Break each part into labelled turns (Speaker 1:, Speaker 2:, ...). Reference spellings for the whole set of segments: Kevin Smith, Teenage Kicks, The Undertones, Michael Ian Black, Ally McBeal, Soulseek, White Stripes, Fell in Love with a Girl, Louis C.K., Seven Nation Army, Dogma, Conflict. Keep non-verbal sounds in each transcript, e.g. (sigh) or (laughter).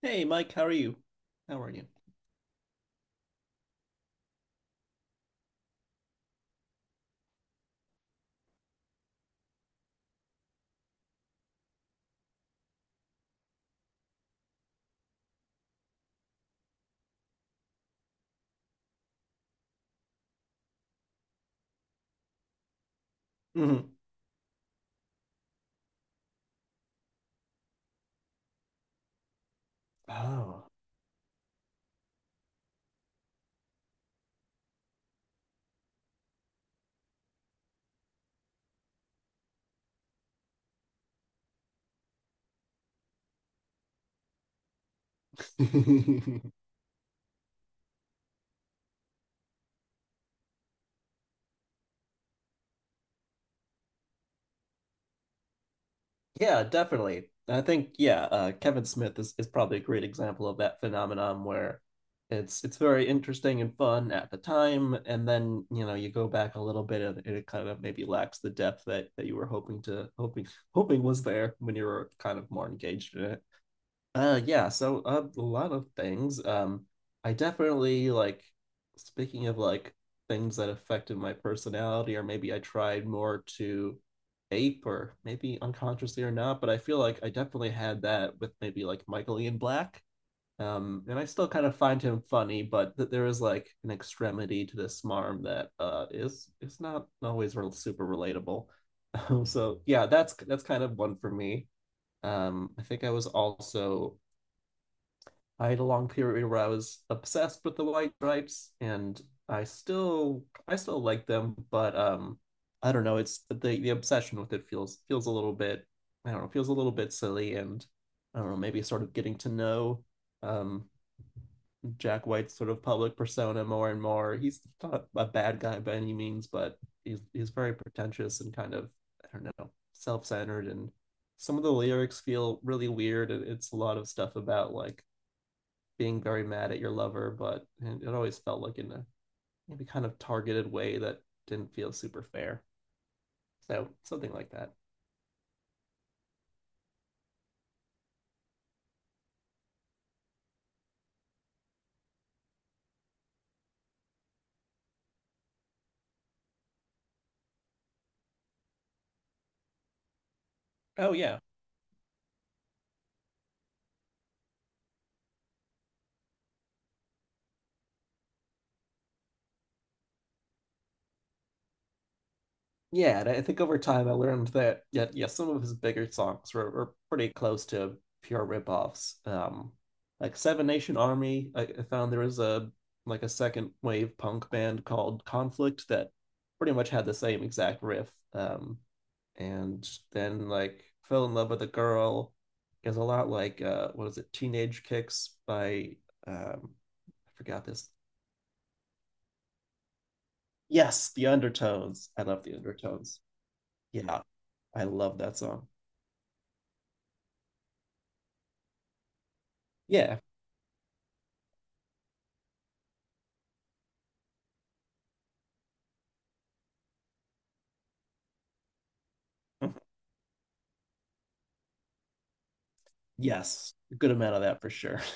Speaker 1: Hey, Mike, how are you? How are you? Hmm Oh. (laughs) Yeah, definitely. I think Kevin Smith is probably a great example of that phenomenon where it's very interesting and fun at the time, and then you know you go back a little bit and it kind of maybe lacks the depth that that you were hoping to hoping hoping was there when you were kind of more engaged in it. A lot of things. I definitely like, speaking of like things that affected my personality or maybe I tried more to ape or maybe unconsciously or not, but I feel like I definitely had that with maybe like Michael Ian Black. And I still kind of find him funny, but th there is like an extremity to this smarm that is not always real super relatable. (laughs) So yeah, that's kind of one for me. I think I was also, I had a long period where I was obsessed with the White Stripes, and I still like them, but I don't know, it's the obsession with it feels a little bit, I don't know, feels a little bit silly, and I don't know, maybe sort of getting to know um Jack White's sort of public persona more and more. He's not a bad guy by any means, but he's very pretentious and kind of, I don't know, self-centered, and some of the lyrics feel really weird and it's a lot of stuff about like being very mad at your lover, but it always felt like in a maybe kind of targeted way that didn't feel super fair. So something like that. Oh yeah. Yeah, and I think over time I learned that, yeah, yeah, some of his bigger songs were pretty close to pure ripoffs. Like Seven Nation Army, I found there was a like a second wave punk band called Conflict that pretty much had the same exact riff. Um, and then like Fell in Love with a Girl is a lot like, what is it, Teenage Kicks by, um, I forgot this. Yes, The Undertones. I love The Undertones. Yeah, I love that song. Yeah. Yes, a good amount of that for sure. (laughs)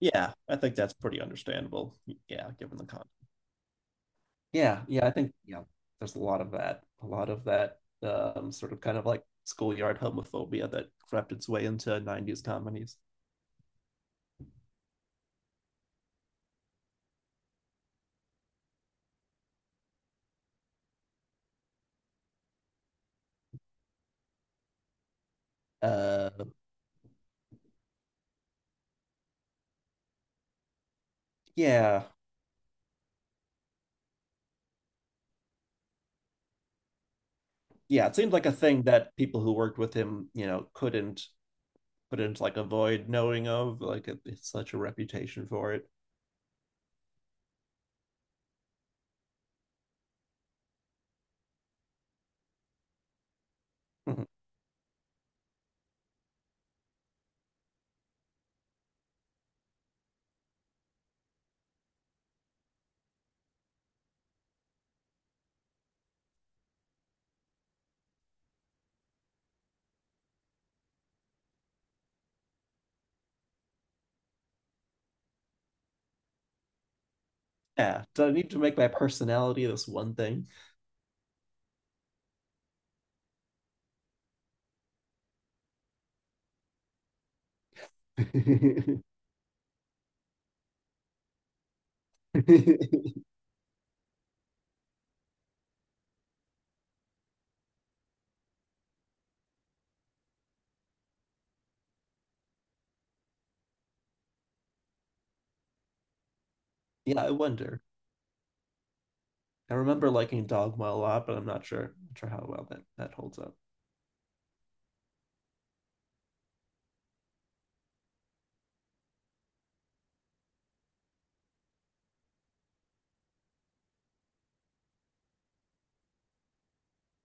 Speaker 1: Yeah, I think that's pretty understandable. Yeah, given the context. Yeah, yeah, I think yeah, there's a lot of that, a lot of that, sort of kind of like schoolyard homophobia that crept its way into 90s comedies. Uh, yeah, yeah, it seemed like a thing that people who worked with him, couldn't like avoid knowing of. Like it's such a reputation for it. (laughs) Yeah, do I need to make my personality this one thing? (laughs) Yeah, I wonder. I remember liking Dogma a lot, but I'm not sure, not sure how well that holds up.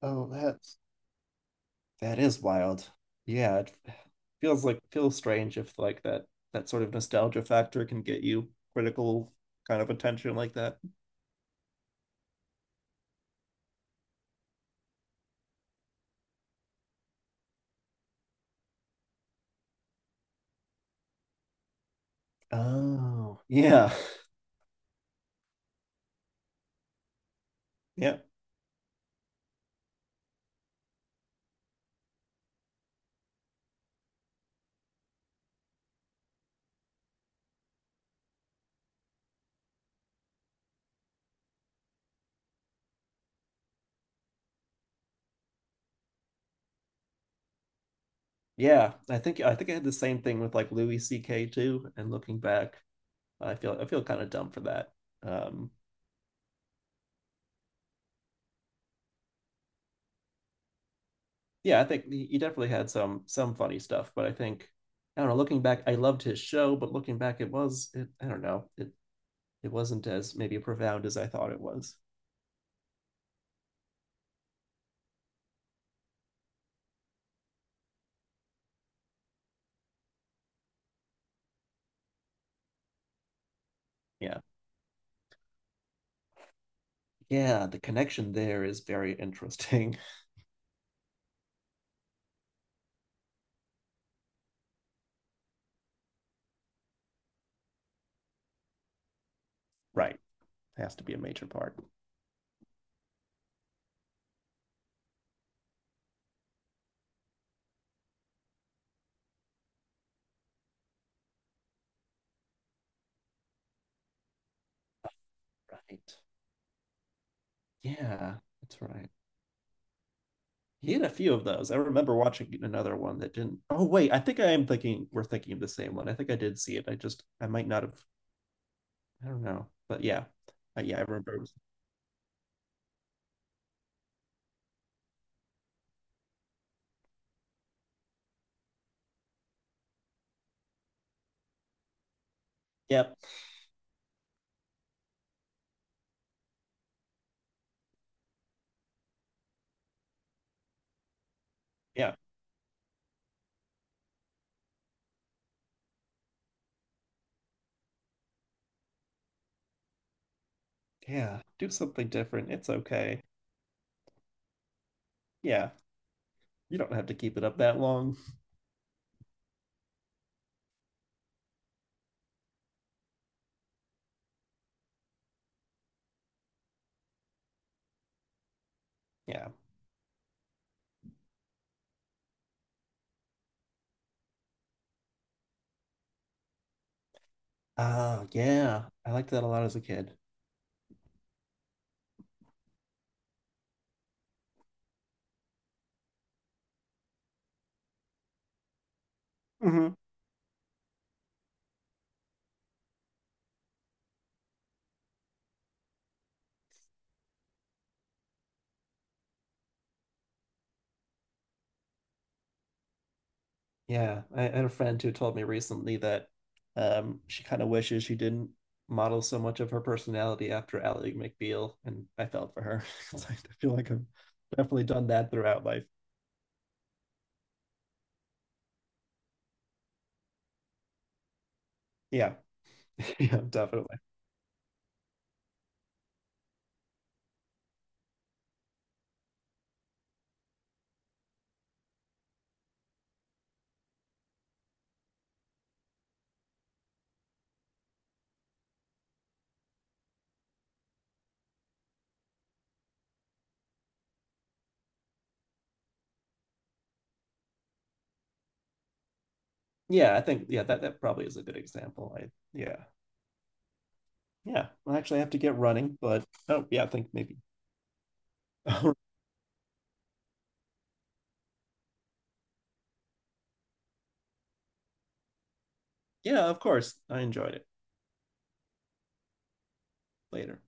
Speaker 1: Oh, that's, that is wild. Yeah, it feels like, feels strange if like that, that sort of nostalgia factor can get you critical kind of attention like that. Oh, yeah. (laughs) Yeah. Yeah. I think I had the same thing with like Louis CK too, and looking back, I feel kind of dumb for that. Um, yeah, I think he definitely had some funny stuff, but I think I don't know. Looking back, I loved his show, but looking back, it was it, I don't know, it wasn't as maybe profound as I thought it was. Yeah, yeah, the connection there is very interesting. (laughs) Right, has to be a major part. Right, yeah, that's right. He had a few of those. I remember watching another one that didn't. Oh wait, I think I am thinking we're thinking of the same one. I think I did see it. I just I might not have. I don't know, but yeah. Yeah, I remember. It was, yep, yeah. Yeah, do something different. It's okay. Yeah, you don't have to keep it up that long. Yeah. Ah, yeah. I liked that a lot as a kid. hmm Yeah, I had a friend who told me recently that she kind of wishes she didn't model so much of her personality after Ally McBeal, and I felt for her. (laughs) 'Cause I feel like I've definitely done that throughout life. Yeah, (laughs) yeah, definitely. Yeah, I think yeah that probably is a good example. I yeah yeah. Well, actually, I have to get running, but oh yeah, I think maybe (laughs) yeah, of course, I enjoyed it later.